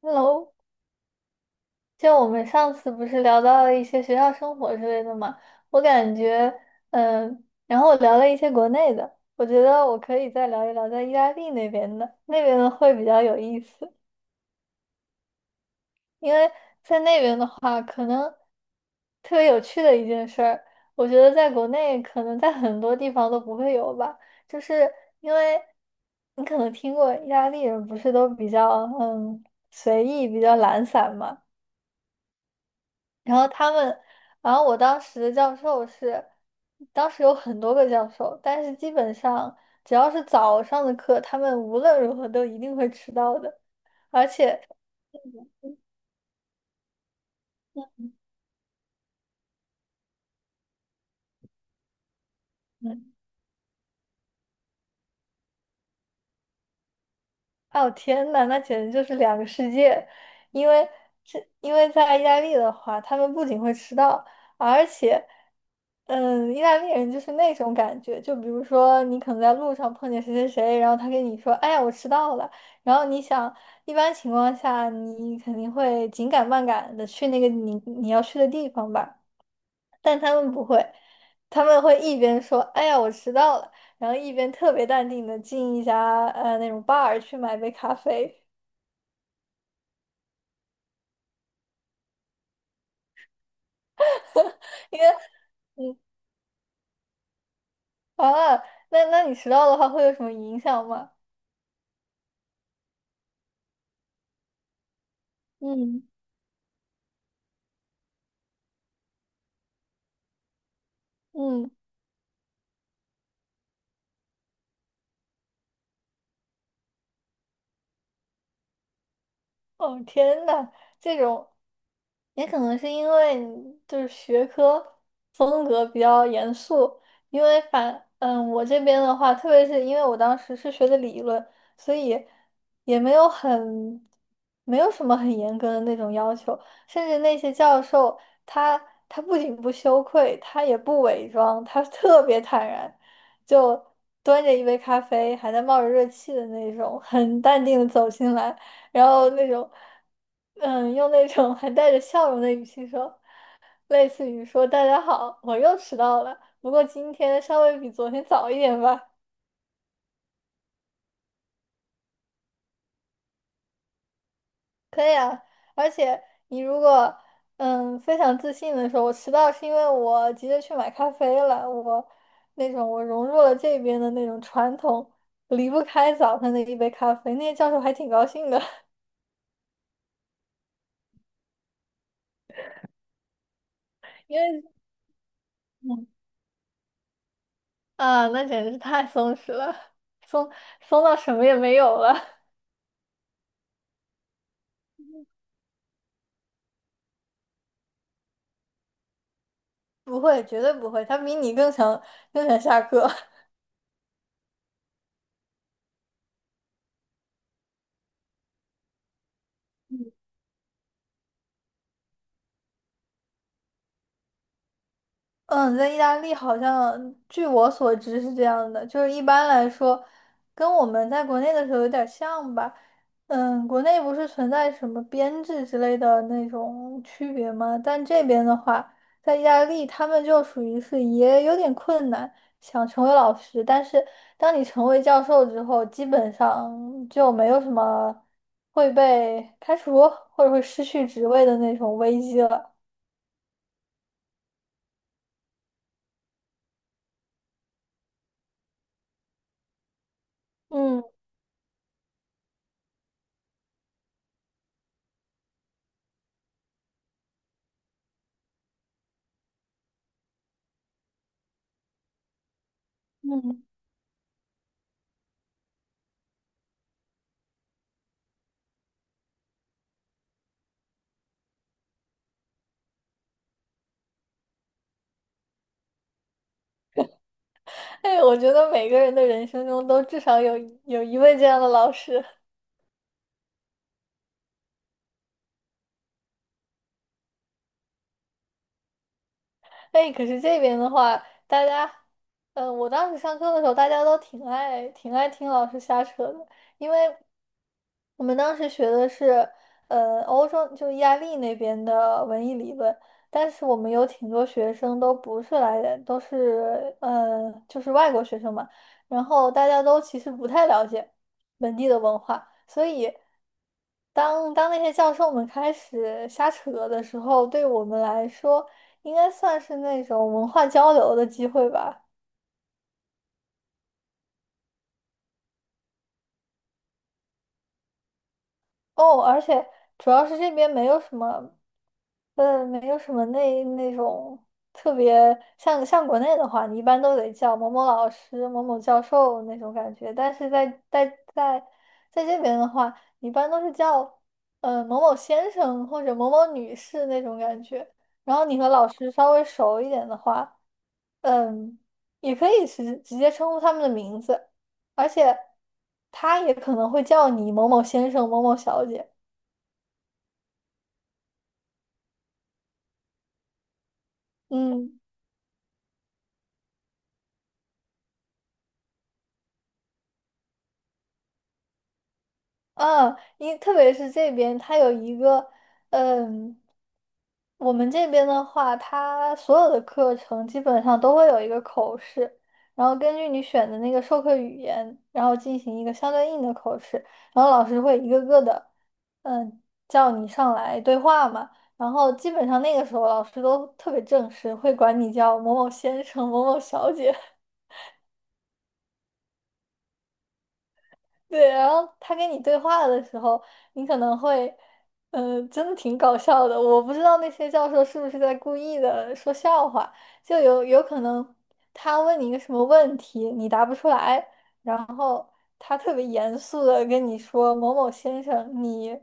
Hello，就我们上次不是聊到了一些学校生活之类的嘛，我感觉，然后我聊了一些国内的，我觉得我可以再聊一聊在意大利那边的，那边的会比较有意思。因为在那边的话，可能特别有趣的一件事儿，我觉得在国内可能在很多地方都不会有吧，就是因为你可能听过意大利人不是都比较嗯随意、比较懒散嘛。然后他们，然后我当时的教授是，当时有很多个教授，但是基本上只要是早上的课，他们无论如何都一定会迟到的。而且，嗯，哦，天呐，那简直就是两个世界。因为因为在意大利的话，他们不仅会迟到，而且，意大利人就是那种感觉，就比如说你可能在路上碰见谁谁谁，然后他跟你说，哎呀，我迟到了。然后你想，一般情况下你肯定会紧赶慢赶的去那个你要去的地方吧。但他们不会，他们会一边说"哎呀，我迟到了"，然后一边特别淡定的进一家那种 bar 去买杯咖啡。因为嗯啊，那你迟到的话会有什么影响吗？嗯嗯。哦，天呐，这种也可能是因为你就是学科风格比较严肃。因为我这边的话，特别是因为我当时是学的理论，所以也没有什么很严格的那种要求，甚至那些教授他他不仅不羞愧，他也不伪装，他特别坦然，就端着一杯咖啡，还在冒着热气的那种，很淡定的走进来。然后那种，用那种还带着笑容的语气说，类似于说"大家好，我又迟到了，不过今天稍微比昨天早一点吧。"可以啊，而且你如果非常自信的说，我迟到是因为我急着去买咖啡了，那种我融入了这边的那种传统，离不开早上的一杯咖啡，那些教授还挺高兴的。因为嗯啊，那简直是太松弛了，松松到什么也没有了。不会，绝对不会，他比你更想下课。嗯。在意大利好像据我所知是这样的，就是一般来说，跟我们在国内的时候有点像吧。国内不是存在什么编制之类的那种区别吗？但这边的话，在意大利他们就属于是也有点困难，想成为老师，但是当你成为教授之后，基本上就没有什么会被开除或者会失去职位的那种危机了。嗯嗯。哎，我觉得每个人的人生中都至少有一位这样的老师。哎，可是这边的话，大家，我当时上课的时候，大家都挺爱听老师瞎扯的，因为我们当时学的是，欧洲就意大利那边的文艺理论，但是我们有挺多学生都不是来人，都是，就是外国学生嘛，然后大家都其实不太了解本地的文化，所以。当那些教授们开始瞎扯的时候，对我们来说。应该算是那种文化交流的机会吧。哦，而且主要是这边没有什么，没有什么那种特别像国内的话，你一般都得叫某某老师、某某教授那种感觉。但是在在这边的话，一般都是叫某某先生或者某某女士那种感觉。然后你和老师稍微熟一点的话，嗯，也可以直接称呼他们的名字。而且他也可能会叫你某某先生、某某小姐。嗯特别是这边，他有一个，嗯，我们这边的话，他所有的课程基本上都会有一个口试，然后根据你选的那个授课语言，然后进行一个相对应的口试，然后老师会一个个的，嗯，叫你上来对话嘛。然后基本上那个时候，老师都特别正式，会管你叫某某先生、某某小姐。对，然后他跟你对话的时候，你可能会，真的挺搞笑的。我不知道那些教授是不是在故意的说笑话，就有可能他问你一个什么问题，你答不出来，然后他特别严肃的跟你说："某某先生，你，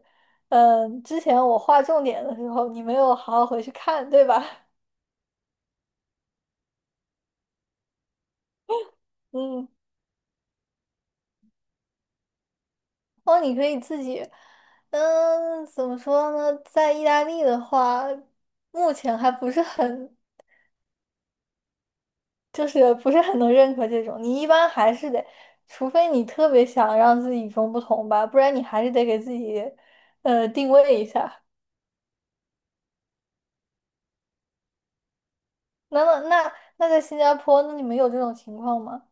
之前我划重点的时候，你没有好好回去看，对吧？" 嗯。哦，你可以自己，怎么说呢？在意大利的话，目前还不是很，就是不是很能认可这种。你一般还是得，除非你特别想让自己与众不同吧，不然你还是得给自己，定位一下。那那那在新加坡，那你们有这种情况吗？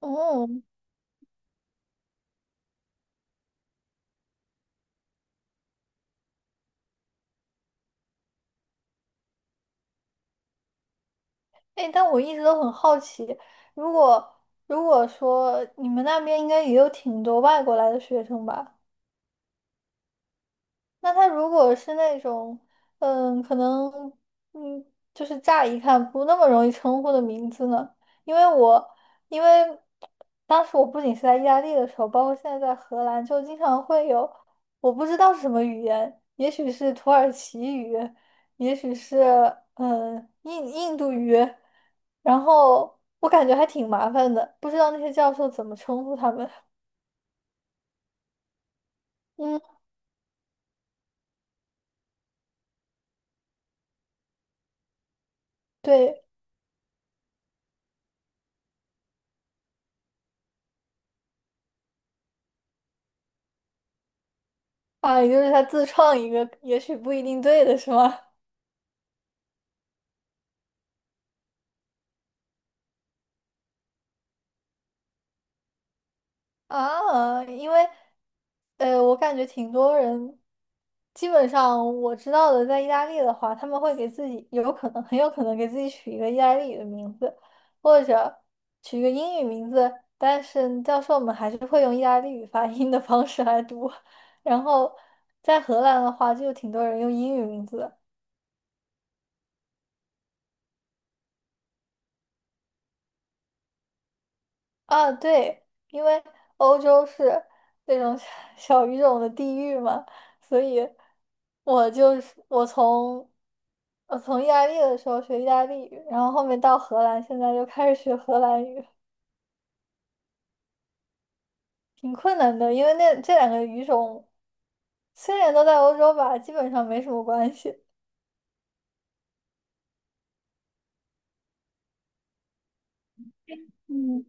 哦，哎，但我一直都很好奇，如果说你们那边应该也有挺多外国来的学生吧？那他如果是那种，可能，嗯，就是乍一看不那么容易称呼的名字呢？因为我，因为当时我不仅是在意大利的时候，包括现在在荷兰，就经常会有我不知道是什么语言，也许是土耳其语，也许是印度语，然后我感觉还挺麻烦的，不知道那些教授怎么称呼他们。嗯，对。啊，也就是他自创一个，也许不一定对的是吗？啊，因为，我感觉挺多人，基本上我知道的，在意大利的话，他们会给自己有可能，很有可能给自己取一个意大利语的名字，或者取一个英语名字，但是教授们还是会用意大利语发音的方式来读。然后在荷兰的话，就有挺多人用英语名字的。啊，对，因为欧洲是那种小语种的地域嘛，所以我就是我从意大利的时候学意大利语，然后后面到荷兰，现在又开始学荷兰语，挺困难的，因为那这两个语种虽然都在欧洲吧，基本上没什么关系。嗯，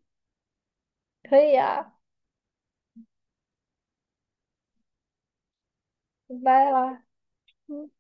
可以啊，拜拜啦。嗯